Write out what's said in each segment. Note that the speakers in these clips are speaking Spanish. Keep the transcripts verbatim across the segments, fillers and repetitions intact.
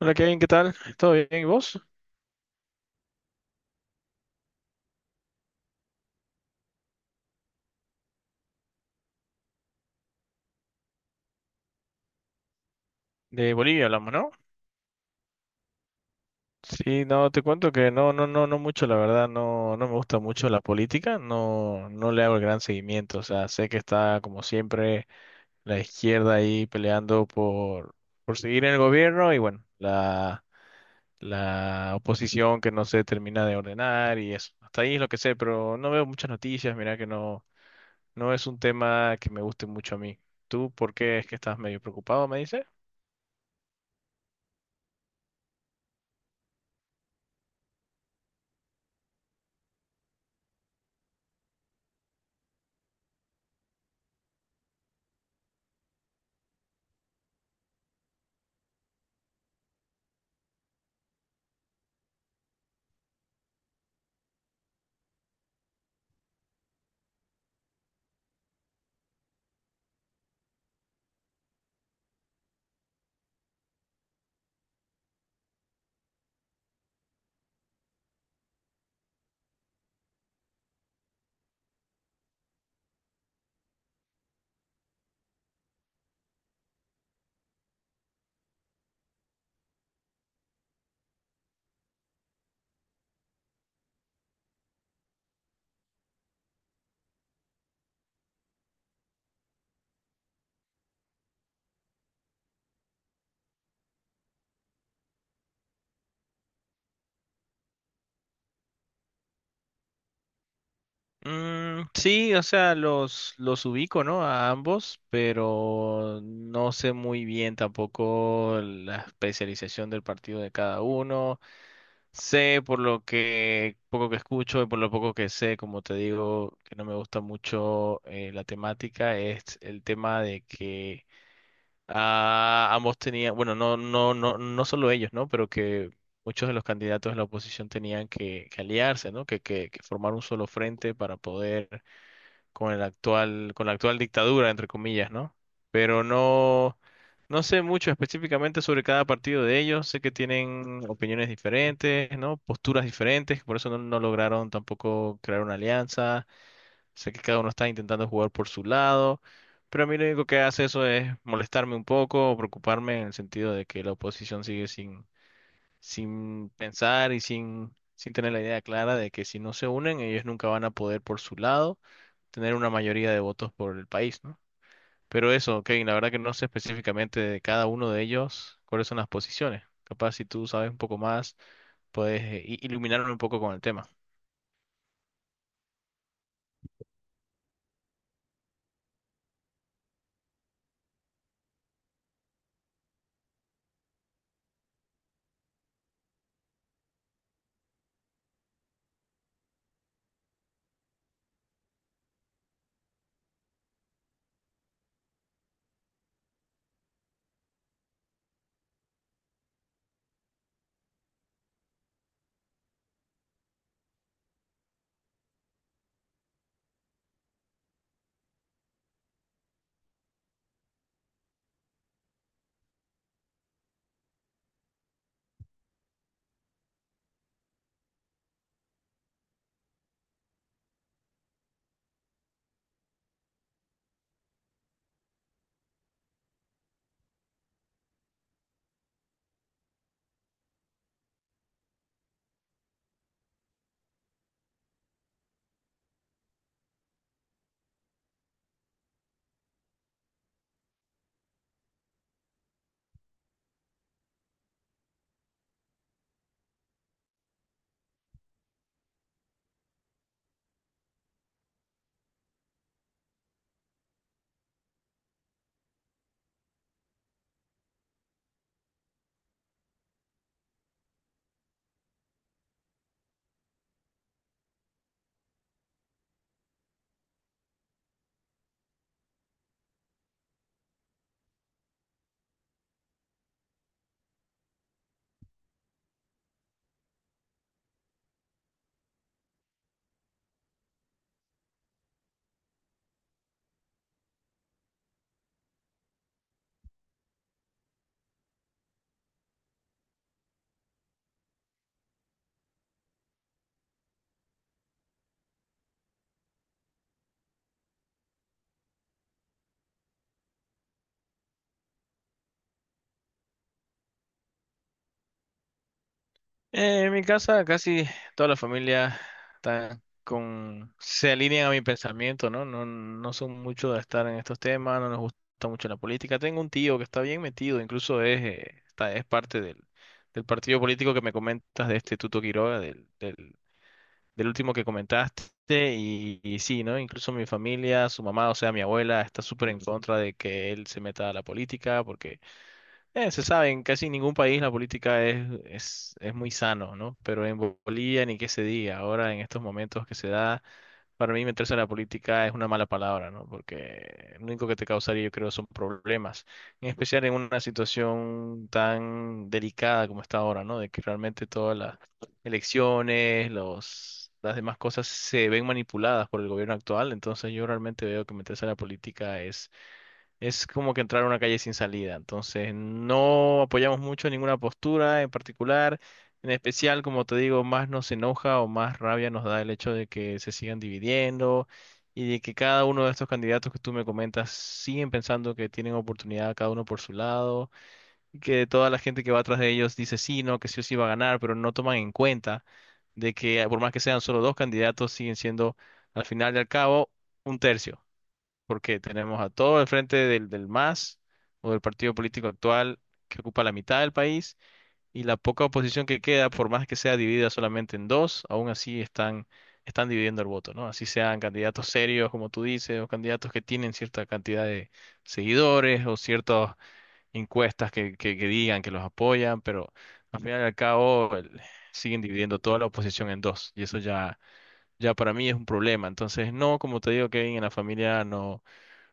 Hola Kevin, ¿qué tal? ¿Todo bien? ¿Y vos? De Bolivia hablamos, ¿no? Sí, no, te cuento que no, no, no, no mucho, la verdad, no, no me gusta mucho la política, no, no le hago el gran seguimiento, o sea, sé que está como siempre la izquierda ahí peleando por, por seguir en el gobierno y bueno, la, la oposición que no se termina de ordenar y eso. Hasta ahí es lo que sé, pero no veo muchas noticias, mira que no, no es un tema que me guste mucho a mí. ¿Tú por qué es que estás medio preocupado, me dices? Mm, sí, o sea, los, los ubico, ¿no? A ambos, pero no sé muy bien tampoco la especialización del partido de cada uno. Sé por lo que poco que escucho y por lo poco que sé, como te digo, que no me gusta mucho eh, la temática, es el tema de que ah, ambos tenían, bueno, no, no, no, no solo ellos, ¿no? Pero que muchos de los candidatos de la oposición tenían que, que aliarse, ¿no? Que, que, que formar un solo frente para poder con el actual, con la actual dictadura, entre comillas, ¿no? Pero no, no sé mucho específicamente sobre cada partido de ellos. Sé que tienen opiniones diferentes, ¿no? Posturas diferentes, por eso no, no lograron tampoco crear una alianza. Sé que cada uno está intentando jugar por su lado, pero a mí lo único que hace eso es molestarme un poco o preocuparme en el sentido de que la oposición sigue sin, sin pensar y sin, sin tener la idea clara de que si no se unen, ellos nunca van a poder por su lado tener una mayoría de votos por el país, ¿no? Pero eso, Kevin, la verdad que no sé específicamente de cada uno de ellos cuáles son las posiciones. Capaz si tú sabes un poco más, puedes eh, i- iluminarme un poco con el tema. Eh, en mi casa casi toda la familia está con, se alinean a mi pensamiento, ¿no? No, no son mucho de estar en estos temas, no nos gusta mucho la política. Tengo un tío que está bien metido, incluso es, eh, está, es parte del, del partido político que me comentas de este Tuto Quiroga, del, del, del último que comentaste, y, y sí, ¿no? Incluso mi familia, su mamá, o sea, mi abuela, está súper en contra de que él se meta a la política porque eh, se sabe, en casi ningún país la política es, es, es muy sano, ¿no? Pero en Bo- Bolivia ni qué se diga. Ahora, en estos momentos que se da, para mí meterse en la política es una mala palabra, ¿no? Porque lo único que te causaría, yo creo, son problemas. En especial en una situación tan delicada como está ahora, ¿no? De que realmente todas las elecciones, los, las demás cosas se ven manipuladas por el gobierno actual. Entonces, yo realmente veo que meterse en la política es como que entrar a una calle sin salida. Entonces, no apoyamos mucho ninguna postura en particular. En especial, como te digo, más nos enoja o más rabia nos da el hecho de que se sigan dividiendo y de que cada uno de estos candidatos que tú me comentas siguen pensando que tienen oportunidad cada uno por su lado y que toda la gente que va atrás de ellos dice sí, no, que sí o sí va a ganar, pero no toman en cuenta de que por más que sean solo dos candidatos, siguen siendo al final y al cabo un tercio porque tenemos a todo el frente del, del MAS o del partido político actual que ocupa la mitad del país y la poca oposición que queda, por más que sea dividida solamente en dos, aún así están, están dividiendo el voto, ¿no? Así sean candidatos serios, como tú dices, o candidatos que tienen cierta cantidad de seguidores o ciertas encuestas que, que, que digan que los apoyan, pero al final y al cabo el- siguen dividiendo toda la oposición en dos y eso ya, ya para mí es un problema. Entonces, no, como te digo, Kevin, en la familia no.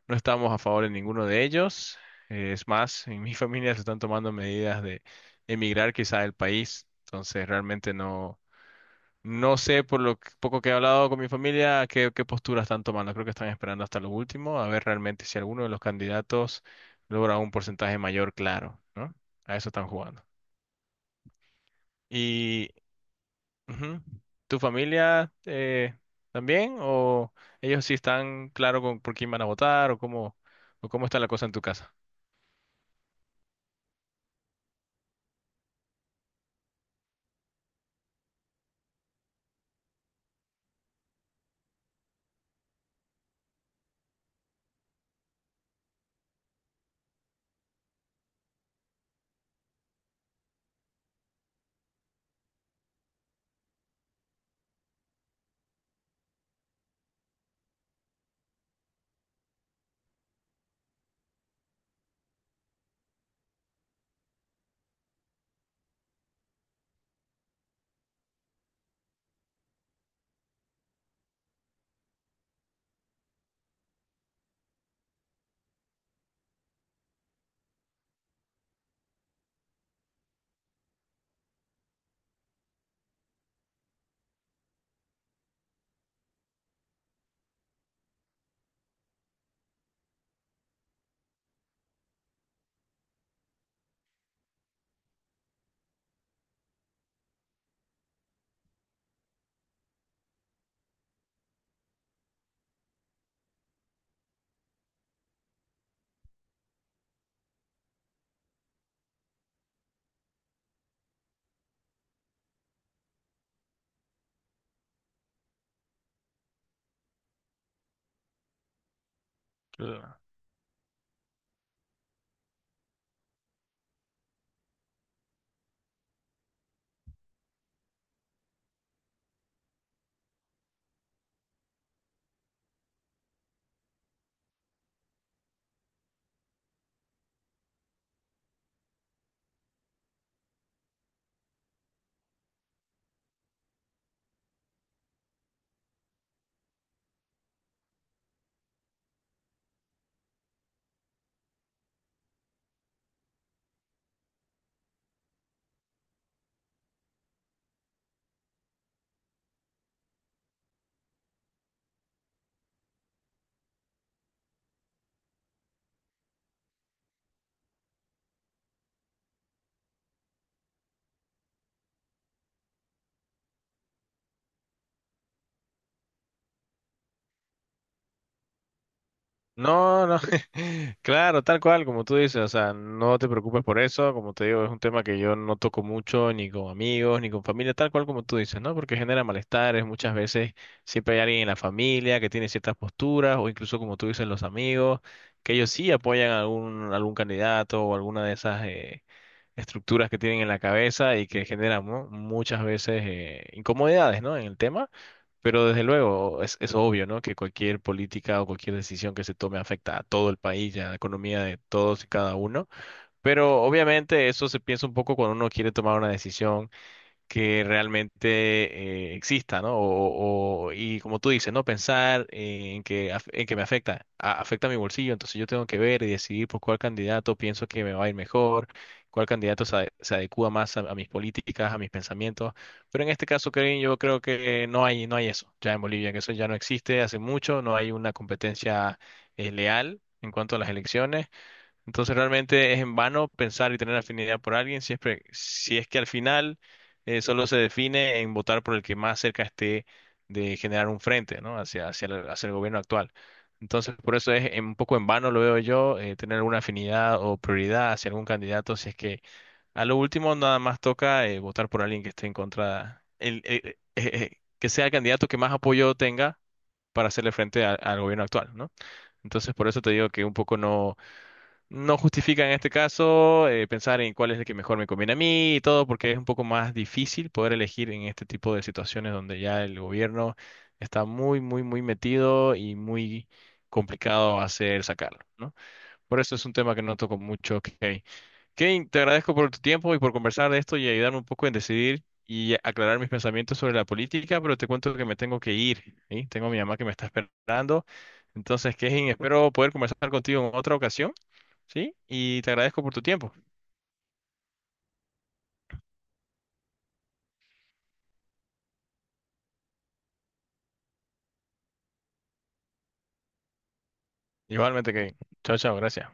No estamos a favor de ninguno de ellos. Eh, es más, en mi familia se están tomando medidas de emigrar quizá del país. Entonces, realmente no, no sé por lo que- poco que he hablado con mi familia qué, qué postura están tomando. Creo que están esperando hasta lo último a ver realmente si alguno de los candidatos logra un porcentaje mayor, claro, ¿no? A eso están jugando. ¿Y ujú, tu familia eh, también? ¿O ellos sí están claro con por quién van a votar o cómo, o cómo está la cosa en tu casa? No, no, claro, tal cual, como tú dices, o sea, no te preocupes por eso, como te digo, es un tema que yo no toco mucho, ni con amigos, ni con familia, tal cual como tú dices, ¿no? Porque genera malestares, muchas veces siempre hay alguien en la familia que tiene ciertas posturas, o incluso como tú dices, los amigos, que ellos sí apoyan a algún, algún candidato o alguna de esas eh, estructuras que tienen en la cabeza y que generan, ¿no? muchas veces eh, incomodidades, ¿no? En el tema. Pero desde luego es, es obvio, ¿no? Que cualquier política o cualquier decisión que se tome afecta a todo el país y a la economía de todos y cada uno. Pero obviamente eso se piensa un poco cuando uno quiere tomar una decisión que realmente eh, exista, ¿no? O, o- y como tú dices, ¿no? Pensar en que, af- en que me afecta, a- afecta a mi bolsillo, entonces yo tengo que ver y decidir por cuál candidato pienso que me va a ir mejor, cuál candidato se, ade- se adecúa más a, a mis políticas, a mis pensamientos, pero en este caso, Kevin, yo creo que no hay, no hay eso, ya en Bolivia, que eso ya no existe hace mucho, no hay una competencia eh, leal en cuanto a las elecciones. Entonces realmente es en vano pensar y tener afinidad por alguien siempre, si es que al final eh, solo se define en votar por el que más cerca esté de generar un frente, ¿no? Hacia, hacia el, hacia el gobierno actual. Entonces por eso es en- un poco en vano, lo veo yo, eh, tener alguna afinidad o prioridad hacia algún candidato, si es que a lo último nada más toca eh, votar por alguien que esté en contra, el, eh, eh, eh, que sea el candidato que más apoyo tenga para hacerle frente a- al gobierno actual, ¿no? Entonces por eso te digo que un poco no no justifica en este caso eh, pensar en cuál es el que mejor me conviene a mí y todo, porque es un poco más difícil poder elegir en este tipo de situaciones donde ya el gobierno está muy, muy, muy metido y muy complicado hacer sacarlo, ¿no? Por eso es un tema que no toco mucho. Kane, Kane, te agradezco por tu tiempo y por conversar de esto y ayudarme un poco en decidir y aclarar mis pensamientos sobre la política, pero te cuento que me tengo que ir, ¿sí? Tengo a mi mamá que me está esperando. Entonces, Kane, espero poder conversar contigo en otra ocasión ¿sí? Y te agradezco por tu tiempo. Igualmente, que chao, chao, gracias.